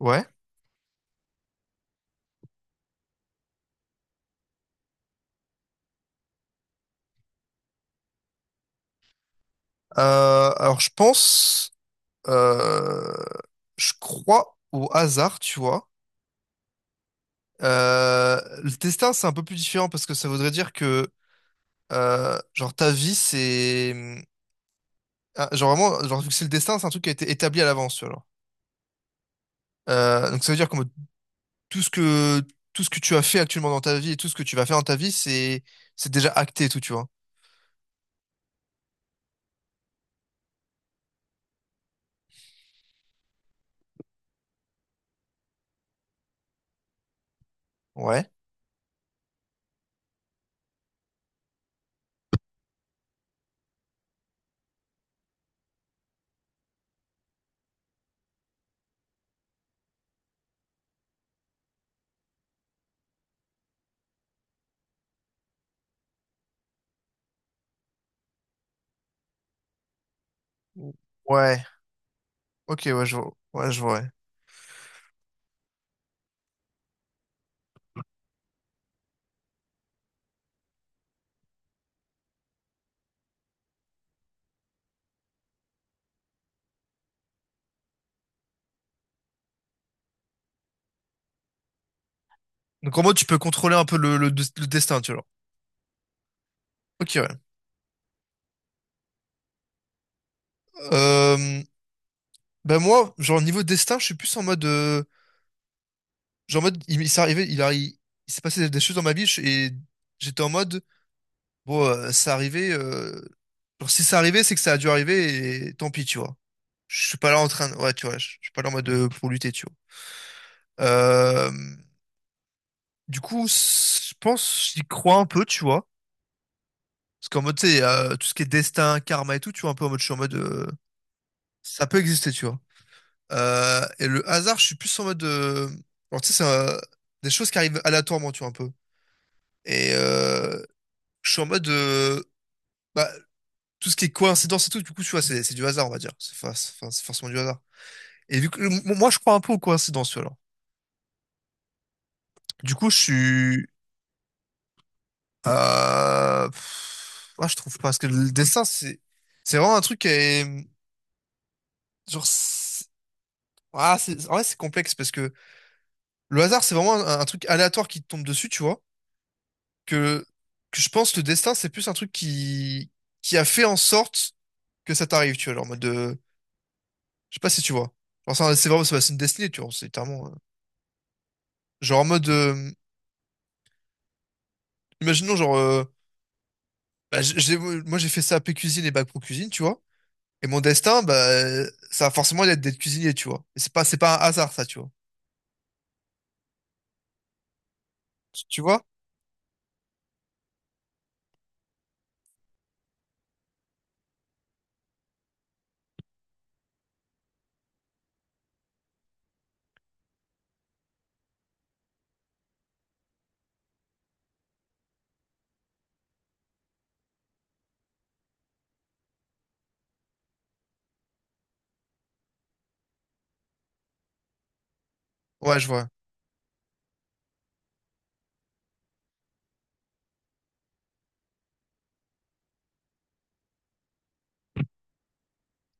Ouais. Alors je pense, euh, je crois au hasard, tu vois. Le destin, c'est un peu plus différent parce que ça voudrait dire que genre, ta vie, c'est... Genre vraiment, genre, vu que c'est le destin, c'est un truc qui a été établi à l'avance, tu vois. Genre. Donc ça veut dire que tout ce que, tout ce que tu as fait actuellement dans ta vie et tout ce que tu vas faire dans ta vie, c'est déjà acté et tout, tu vois. Ouais. Ouais. Ok, ouais, je vois. Ouais, je vois, ouais. Donc en mode, tu peux contrôler un peu le destin, tu vois. Genre. Ok, ouais. Euh, Bah moi, genre niveau destin, je suis plus en mode, genre en mode, il s'est arrivé, il, a- il, il s'est passé des choses dans ma vie et j'étais en mode, bon, ça arrivait, genre si ça arrivait, c'est que ça a dû arriver et tant pis, tu vois. Je suis pas là en train, ouais, tu vois, je suis pas là en mode pour lutter, tu vois. Euh, du coup, je pense, j'y crois un peu, tu vois, parce qu'en mode, tu sais, tout ce qui est destin, karma et tout, tu vois, un peu en mode, je suis en mode, ça peut exister, tu vois. Et le hasard, je suis plus en mode. Alors, tu sais, c'est des choses qui arrivent aléatoirement, tu vois, un peu. Et euh, je suis en mode. Bah, tout ce qui est coïncidence et tout, du coup, tu vois, c'est du hasard, on va dire. C'est fa- c'est- enfin, c'est forcément du hasard. Et vu que moi, je crois un peu aux coïncidences, tu vois, alors. Du coup, je suis. Je trouve pas. Parce que le dessin, c'est vraiment un truc qui est. Genre. c'est- En vrai, c'est complexe parce que le hasard, c'est vraiment un truc aléatoire qui te tombe dessus, tu vois. que, que je pense que le destin, c'est plus un truc qui a fait en sorte que ça t'arrive, tu vois, genre en mode de... Je sais pas si tu vois. Genre, c'est vraiment, c'est une destinée, tu vois, c'est littéralement... Genre en mode... Imaginons, genre... bah, moi, j'ai fait ça AP cuisine et bac pro cuisine, tu vois. Et mon destin, bah, ça va forcément être d'être cuisinier, tu vois. Et c'est pas un hasard, ça, tu vois. Tu vois? Ouais, je vois.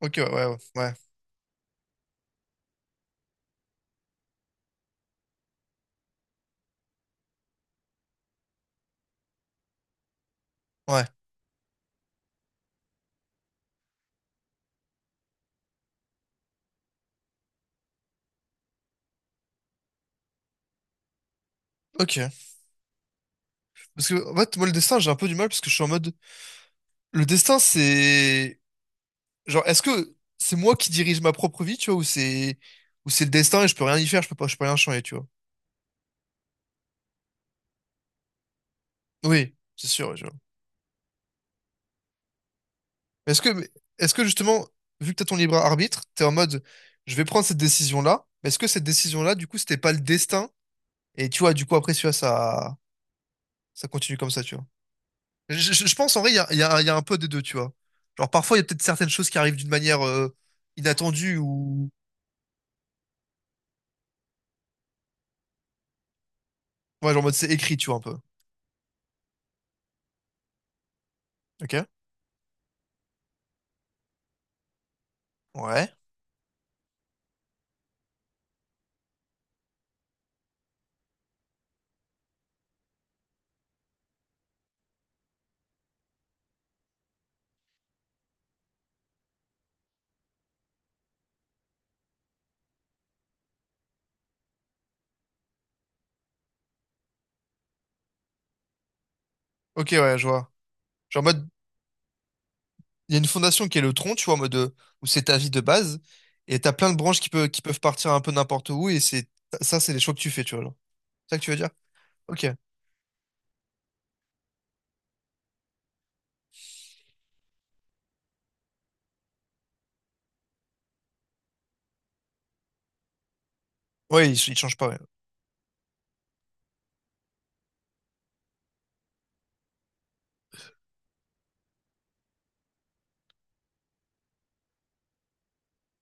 Ok, ouais, ouais, ouais, ouais. Ouais. Ok. Parce que, en fait, moi, le destin, j'ai un peu du mal parce que je suis en mode... Le destin, c'est... Genre, est-ce que c'est moi qui dirige ma propre vie, tu vois, ou c'est le destin et je peux rien y faire, je peux pas, je peux rien changer, tu vois. Oui, c'est sûr, ouais, tu vois. Mais est-ce que justement, vu que t'as ton libre arbitre, t'es en mode je vais prendre cette décision-là, mais est-ce que cette décision-là, du coup, c'était pas le destin? Et tu vois, du coup, après, tu vois, ça continue comme ça, tu vois. Je pense en vrai, il y a un peu des deux, tu vois. Genre, parfois, il y a peut-être certaines choses qui arrivent d'une manière inattendue ou. Ouais, genre, en mode c'est écrit, tu vois, un peu. Ok? Ouais. Ok, ouais, je vois. Genre, en mode. Il y a une fondation qui est le tronc, tu vois, en mode où c'est ta vie de base, et t'as plein de branches qui peuvent partir un peu n'importe où, et c'est ça, c'est les choix que tu fais, tu vois. Genre. C'est ça que tu veux dire? Ok. Ouais, ils changent pas, ouais.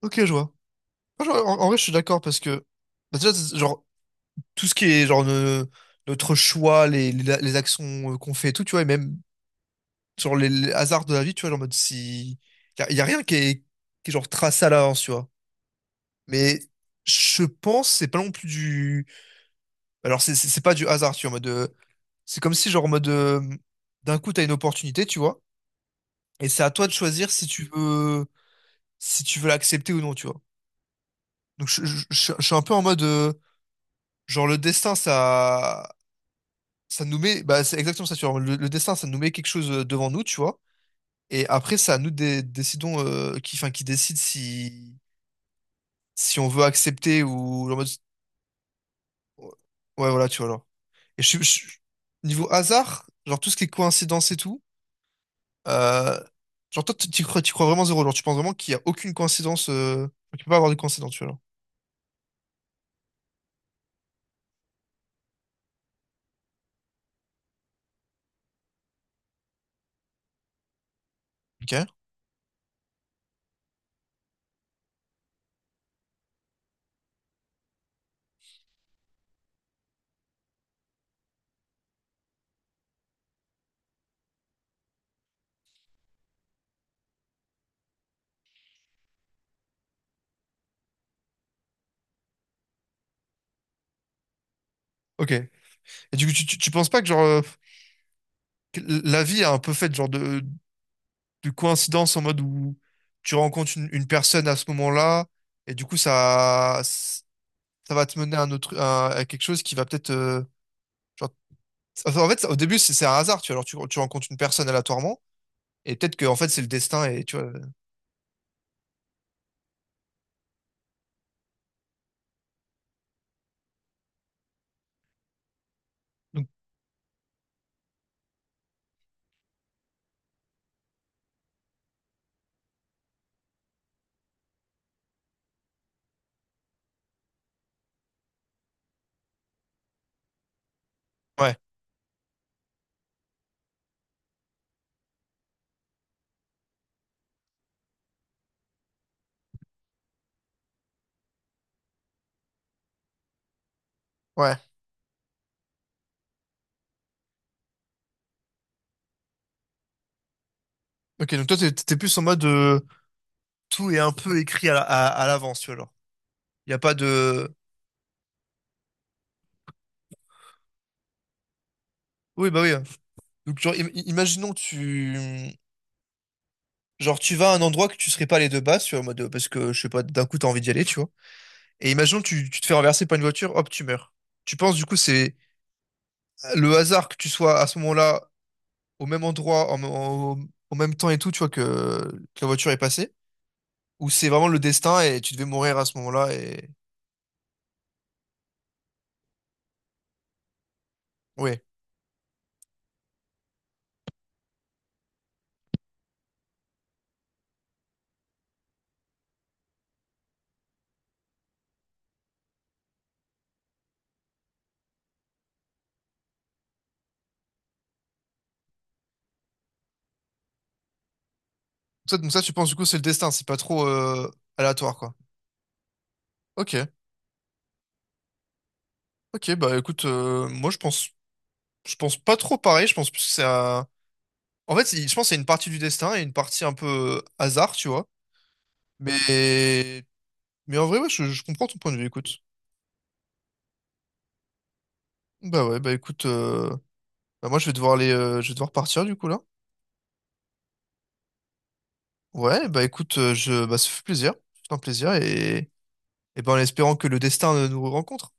Ok, je vois. En, en vrai, je suis d'accord parce que, bah, déjà, c'est genre, tout ce qui est, genre, notre choix, les actions qu'on fait et tout, tu vois, et même, sur les hasards de la vie, tu vois, genre, en mode si. Y a rien qui est, qui est, genre, tracé à l'avance, tu vois. Mais je pense, c'est pas non plus Alors, c'est pas du hasard, tu vois, en mode. C'est comme si, genre, en mode. D'un coup, t'as une opportunité, tu vois. Et c'est à toi de choisir si tu veux, si tu veux l'accepter ou non, tu vois. Donc, je suis un peu en mode. Genre, le destin, ça. Ça nous met. Bah, c'est exactement ça, tu vois. Le destin, ça nous met quelque chose devant nous, tu vois. Et après, c'est à nous de décidons. Qui, enfin, qui décide si. Si on veut accepter ou. En mode- Ouais, voilà, tu vois, alors. Et je suis. je suis- Niveau hasard, genre, tout ce qui est coïncidence et tout. Euh, genre, toi, tu crois, tu crois vraiment zéro. Genre, tu penses vraiment qu'il n'y a aucune coïncidence. Tu peux pas avoir de coïncidence, tu vois. Genre. Ok. Ok. Et du coup, tu penses pas que, genre, que la vie est un peu faite, genre, de coïncidence en mode où tu rencontres une personne à ce moment-là, et du coup, ça va te mener à, un autre, à quelque chose qui va peut-être. Genre... enfin, en fait, au début, c'est un hasard, tu vois. Alors, tu rencontres une personne aléatoirement, et peut-être que, en fait, c'est le destin, et tu vois. Donc, ouais. Ouais. Ok, donc toi, t'es plus en mode. Tout est un peu écrit à, à l'avance, tu vois, genre. Il n'y a pas de... Oui, bah oui. Donc, genre, imaginons que tu... Genre, tu vas à un endroit que tu serais pas allé de base, tu vois, en mode, parce que, je sais pas, d'un coup, t'as envie d'y aller, tu vois. Et imaginons que tu te fais renverser par une voiture, hop, tu meurs. Tu penses, du coup, c'est le hasard que tu sois à ce moment-là, au même endroit, en même temps et tout, tu vois, que la voiture est passée, ou c'est vraiment le destin et tu devais mourir à ce moment-là et... Ouais. Donc ça, tu penses, du coup, c'est le destin, c'est pas trop aléatoire, quoi. Ok. Ok, bah écoute, moi je pense pas trop pareil. Je pense plus que c'est un... En fait, je pense que c'est une partie du destin et une partie un peu hasard, tu vois. Mais, mais en vrai, ouais, je comprends ton point de vue. Écoute, bah ouais, bah écoute, bah moi je vais devoir aller, je vais devoir partir du coup là. Ouais, bah écoute, bah ça fait plaisir, c'est un plaisir et ben en espérant que le destin nous rencontre.